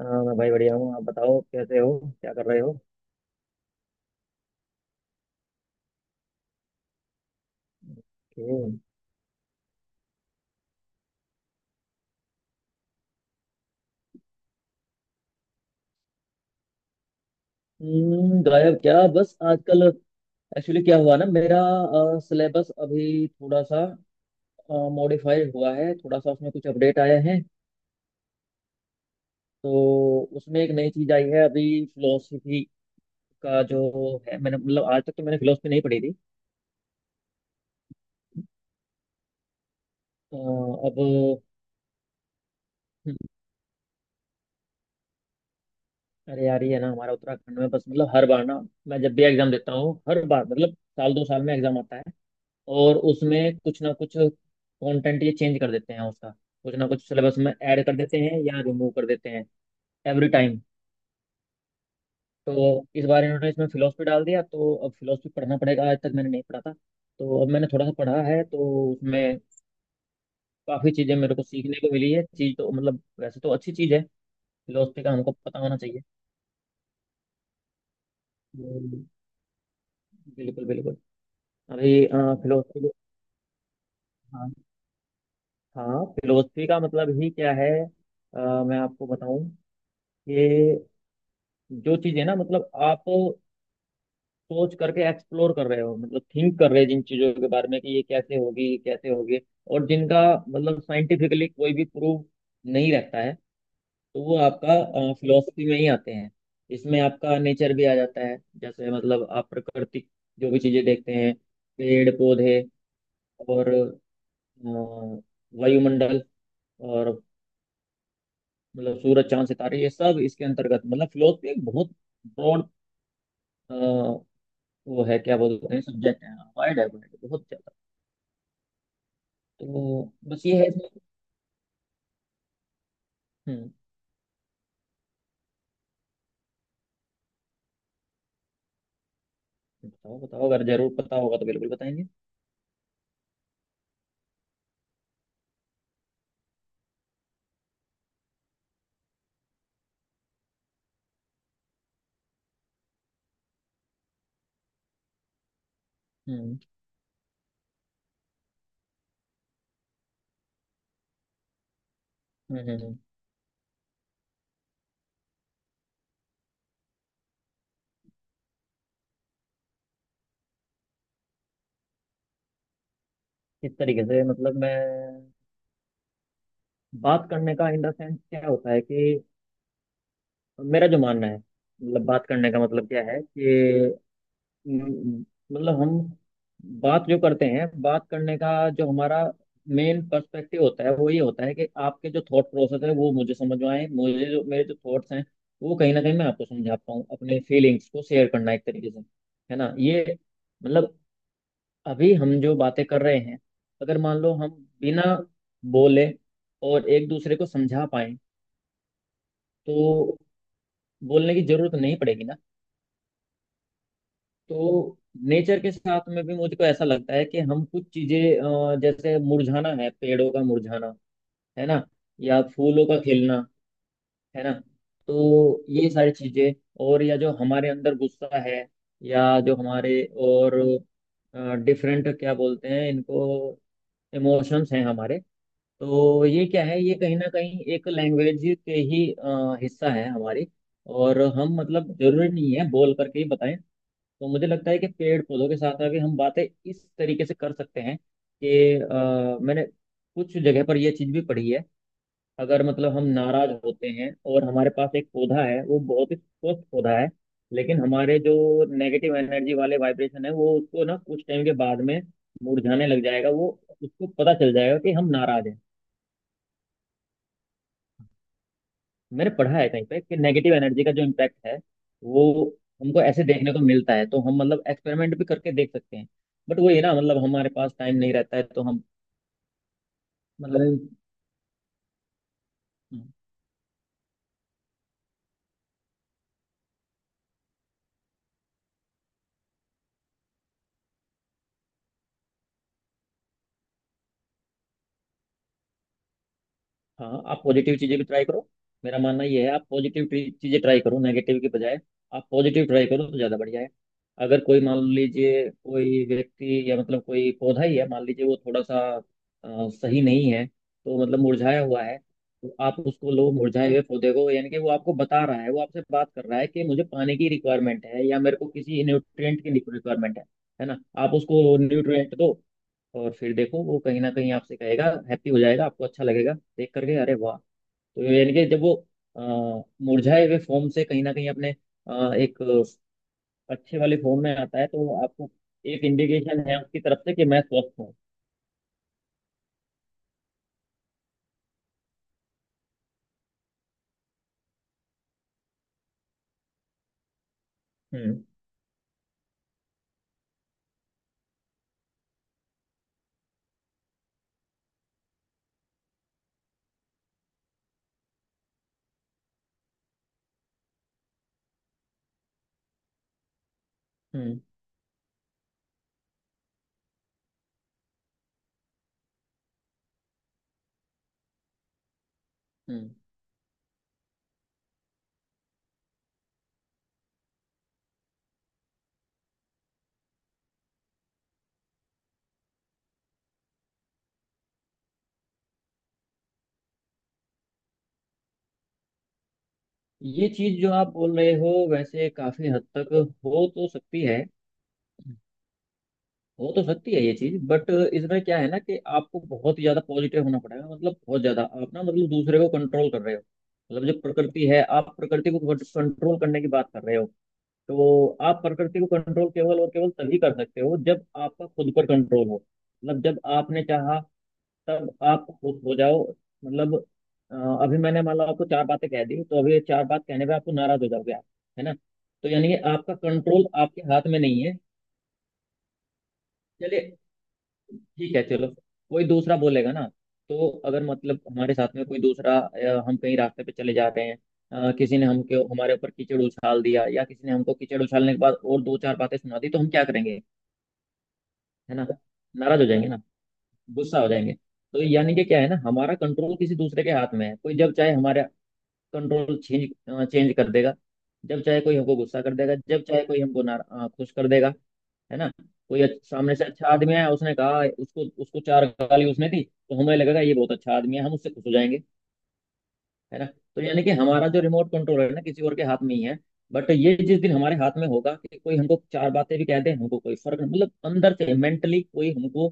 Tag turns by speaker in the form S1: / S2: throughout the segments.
S1: हाँ मैं भाई बढ़िया हूँ। आप बताओ कैसे हो? क्या कर रहे हो? हम्म, हम्म। गायब क्या, बस आजकल एक्चुअली क्या हुआ ना, मेरा सिलेबस अभी थोड़ा सा मॉडिफाई हुआ है, थोड़ा सा उसमें कुछ अपडेट आए हैं। तो उसमें एक नई चीज आई है अभी, फिलोसफी का जो है, मैंने मतलब आज तक तो मैंने फिलोसफी नहीं पढ़ी थी। अ, अब हम्म, अरे यार, ये है ना, हमारा उत्तराखंड में बस, मतलब हर बार ना, मैं जब भी एग्जाम देता हूँ हर बार मतलब साल दो साल में एग्जाम आता है, और उसमें कुछ ना कुछ कंटेंट ये चेंज कर देते हैं उसका, कुछ ना कुछ सिलेबस में ऐड कर देते हैं या रिमूव कर देते हैं एवरी टाइम। तो इस बार इन्होंने इसमें फिलोसफी डाल दिया, तो अब फिलोसफी पढ़ना पड़ेगा, आज तक मैंने नहीं पढ़ा था। तो अब मैंने थोड़ा सा पढ़ा है, तो उसमें काफ़ी चीज़ें मेरे को सीखने को मिली है। चीज़ तो मतलब वैसे तो अच्छी चीज़ है, फिलोसफी का हमको पता होना चाहिए। हम्म, बिल्कुल बिल्कुल। अभी फिलोसफी, हाँ, हाँ फिलोसफी का मतलब ही क्या है? मैं आपको बताऊं कि जो चीजें ना, मतलब आप सोच करके एक्सप्लोर कर रहे हो, मतलब थिंक कर रहे हो जिन चीजों के बारे में कि ये कैसे होगी ये कैसे होगी, और जिनका मतलब साइंटिफिकली कोई भी प्रूफ नहीं रहता है, तो वो आपका फिलोसफी में ही आते हैं। इसमें आपका नेचर भी आ जाता है, जैसे मतलब आप प्राकृतिक जो भी चीजें देखते हैं, पेड़ पौधे और अ, वायुमंडल और मतलब सूरज चांद सितारे ये सब इसके अंतर्गत, मतलब फिलोसफी एक बहुत ब्रॉड, वो है क्या बोलते हैं, सब्जेक्ट है, वाइड है wide, बहुत ज्यादा। तो बस ये है इसमें। हम्म। बताओ बताओ, अगर जरूर पता होगा तो बिल्कुल बताएंगे। हम्म हम्म हम्म, इस तरीके से मतलब मैं, बात करने का इन द सेंस क्या होता है कि मेरा जो मानना है, मतलब बात करने का मतलब क्या है कि म- मतलब हम बात जो करते हैं, बात करने का जो हमारा मेन पर्सपेक्टिव होता है वो ये होता है कि आपके जो थॉट प्रोसेस है वो मुझे समझ में आए, मुझे जो, मेरे जो थॉट्स हैं वो कहीं ना कहीं मैं आपको समझा पाऊँ, अपने फीलिंग्स को शेयर करना एक तरीके से, है ना ये। मतलब अभी हम जो बातें कर रहे हैं, अगर मान लो हम बिना बोले और एक दूसरे को समझा पाए, तो बोलने की जरूरत नहीं पड़ेगी ना। तो नेचर के साथ में भी मुझको ऐसा लगता है कि हम कुछ चीजें, जैसे मुरझाना है, पेड़ों का मुरझाना, है ना, या फूलों का खिलना, है ना, तो ये सारी चीजें, और या जो हमारे अंदर गुस्सा है, या जो हमारे, और डिफरेंट क्या बोलते हैं इनको, इमोशंस हैं हमारे, तो ये क्या है, ये कहीं ना कहीं एक लैंग्वेज के ही हिस्सा है हमारी। और हम, मतलब जरूरी नहीं है बोल करके ही बताएं, तो मुझे लगता है कि पेड़ पौधों के साथ आगे हम बातें इस तरीके से कर सकते हैं कि मैंने कुछ जगह पर यह चीज भी पढ़ी है, अगर मतलब हम नाराज होते हैं और हमारे पास एक पौधा है, वो बहुत ही स्वस्थ पौधा है, लेकिन हमारे जो नेगेटिव एनर्जी वाले वाइब्रेशन है वो उसको ना कुछ टाइम के बाद में मुरझाने लग जाएगा वो, उसको पता चल जाएगा कि हम नाराज हैं। मैंने पढ़ा है कहीं पे कि नेगेटिव एनर्जी का जो इम्पैक्ट है वो हमको ऐसे देखने को मिलता है, तो हम मतलब एक्सपेरिमेंट भी करके देख सकते हैं। बट वही ना, मतलब हमारे पास टाइम नहीं रहता है, तो हम मतलब अरे हाँ, आप पॉजिटिव चीजें भी ट्राई करो, मेरा मानना ये है आप पॉजिटिव चीजें ट्राई करो, नेगेटिव के बजाय आप पॉजिटिव ट्राई करो तो ज्यादा बढ़िया है। अगर कोई मान लीजिए कोई व्यक्ति या मतलब कोई पौधा ही है मान लीजिए, वो थोड़ा सा सही नहीं है, तो मतलब मुरझाया हुआ है, तो आप उसको लो मुरझाए हुए पौधे को, यानी कि वो आपको बता रहा है, वो आपसे बात कर रहा है कि मुझे पानी की रिक्वायरमेंट है या मेरे को किसी न्यूट्रिएंट की रिक्वायरमेंट है। है ना, आप उसको न्यूट्रिएंट दो, और फिर देखो वो कहीं ना कहीं आपसे कहेगा, हैप्पी हो जाएगा, आपको अच्छा लगेगा देख करके, अरे वाह। तो यानी कि जब वो मुरझाए हुए फॉर्म से कहीं ना कहीं अपने एक अच्छे वाले फॉर्म में आता है, तो आपको एक इंडिकेशन है उसकी तरफ से कि मैं स्वस्थ हूँ। हम्म हम्म हम्म ये चीज जो आप बोल रहे हो वैसे काफी हद तक हो तो सकती है, हो तो सकती है ये चीज, बट इसमें क्या है ना कि आपको बहुत ही ज्यादा पॉजिटिव होना पड़ेगा, मतलब बहुत ज्यादा आप ना, मतलब दूसरे को कंट्रोल कर रहे हो, मतलब जो प्रकृति है, आप प्रकृति को कंट्रोल करने की बात कर रहे हो, तो आप प्रकृति को कंट्रोल केवल और केवल तभी कर सकते हो जब आपका खुद पर कंट्रोल हो। मतलब जब आपने चाहा तब आप खुश हो जाओ, मतलब अ, अभी मैंने मान लो आपको चार बातें कह दी, तो अभी ये चार बात कहने पे आपको नाराज हो जाओगे आप, है ना, तो यानी कि आपका कंट्रोल आपके हाथ में नहीं है। चलिए ठीक है चलो, कोई दूसरा बोलेगा ना, तो अगर मतलब हमारे साथ में कोई दूसरा हम कहीं रास्ते पे चले जा रहे हैं, किसी ने हमके हमारे ऊपर कीचड़ उछाल दिया, या किसी ने हमको कीचड़ उछालने के बाद और दो चार बातें सुना दी, तो हम क्या करेंगे, है ना, नाराज हो जाएंगे ना, गुस्सा हो जाएंगे। तो यानी कि क्या है ना, हमारा कंट्रोल किसी दूसरे के हाथ में है, कोई जब चाहे हमारा कंट्रोल चेंज चेंज कर देगा, जब चाहे कोई हमको गुस्सा कर देगा, जब चाहे कोई हमको ना खुश कर देगा, है ना। कोई सामने से अच्छा आदमी आया, उसने कहा, उसको उसको चार गाली उसने दी, तो हमें लगेगा ये बहुत अच्छा आदमी है, हम उससे खुश हो जाएंगे, है ना। तो यानी कि हमारा जो रिमोट कंट्रोल है ना, किसी और के हाथ में ही है। बट ये जिस दिन हमारे हाथ में होगा कि कोई हमको चार बातें भी कह दे, हमको कोई फर्क नहीं, मतलब अंदर से मेंटली कोई हमको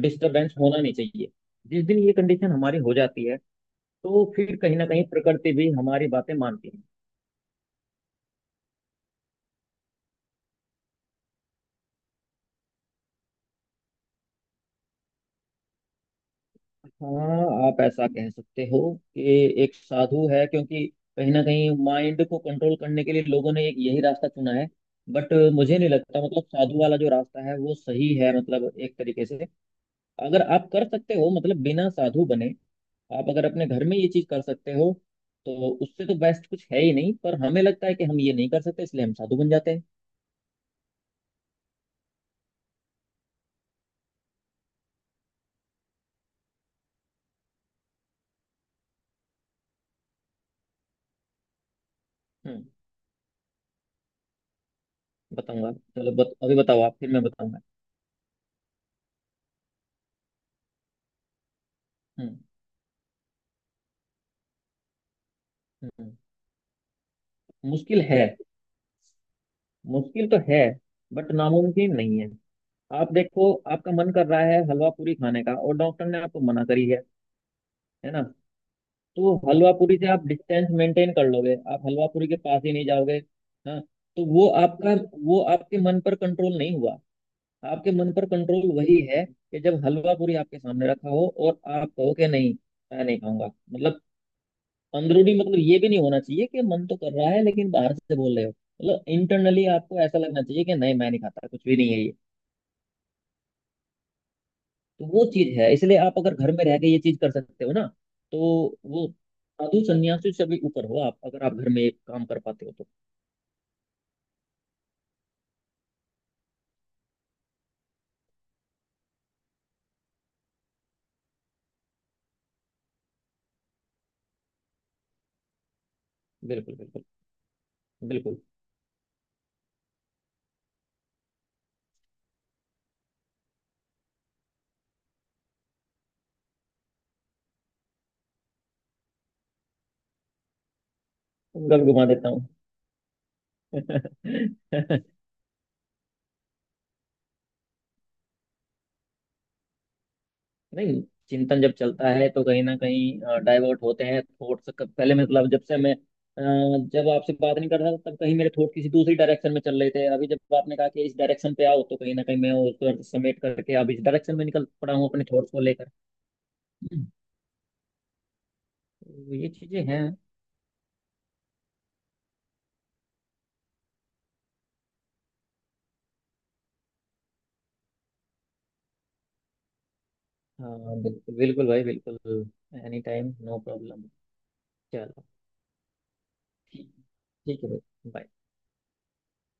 S1: डिस्टरबेंस होना नहीं चाहिए, जिस दिन ये कंडीशन हमारी हो जाती है, तो फिर कहीं ना कहीं प्रकृति भी हमारी बातें मानती है। हाँ आप ऐसा कह सकते हो कि एक साधु है, क्योंकि कहीं ना कहीं माइंड को कंट्रोल करने के लिए लोगों ने एक यही रास्ता चुना है, बट मुझे नहीं लगता, मतलब साधु वाला जो रास्ता है वो सही है, मतलब एक तरीके से अगर आप कर सकते हो, मतलब बिना साधु बने आप अगर अपने घर में ये चीज कर सकते हो, तो उससे तो बेस्ट कुछ है ही नहीं, पर हमें लगता है कि हम ये नहीं कर सकते इसलिए हम साधु बन जाते हैं। हम्म। बताऊंगा, चलो अभी बताओ आप फिर मैं बताऊंगा। हम्म हम्म हम्म, मुश्किल है, मुश्किल तो है, बट नामुमकिन नहीं है। आप देखो, आपका मन कर रहा है हलवा पूरी खाने का और डॉक्टर ने आपको मना करी है ना, तो हलवा पूरी से आप डिस्टेंस मेंटेन कर लोगे, आप हलवा पूरी के पास ही नहीं जाओगे। हाँ, तो वो आपका, वो आपके मन पर कंट्रोल नहीं हुआ। आपके मन पर कंट्रोल वही है कि जब हलवा पूरी आपके सामने रखा हो और आप कहो कि नहीं मैं नहीं खाऊंगा, मतलब अंदरूनी, मतलब ये भी नहीं होना चाहिए कि मन तो कर रहा है लेकिन बाहर से बोल रहे हो, मतलब इंटरनली आपको ऐसा लगना चाहिए कि नहीं मैं नहीं खाता, कुछ भी नहीं है ये, तो वो चीज है। इसलिए आप अगर घर में रह के ये चीज कर सकते हो ना, तो वो साधु संन्यासी से भी ऊपर हो आप, अगर आप घर में ये काम कर पाते हो तो। बिल्कुल बिल्कुल। बिल्कुल। गल घुमा देता हूँ। नहीं, चिंतन जब चलता है तो कहीं ना कहीं डाइवर्ट होते हैं थॉट्स पहले, मतलब जब से मैं जब आपसे बात नहीं कर रहा था तब कहीं मेरे थॉट किसी दूसरी डायरेक्शन में चल रहे थे, अभी जब आपने कहा कि इस डायरेक्शन पे आओ, तो कहीं ना कहीं मैं उसको समेट करके अब इस डायरेक्शन में निकल पड़ा हूँ अपने थॉट्स को लेकर। हम्म। तो ये चीजें हैं। हाँ बिल्कुल बिल्कुल भाई बिल्कुल, एनी टाइम, नो प्रॉब्लम। चलो। ठीक, ठीक है भाई bye।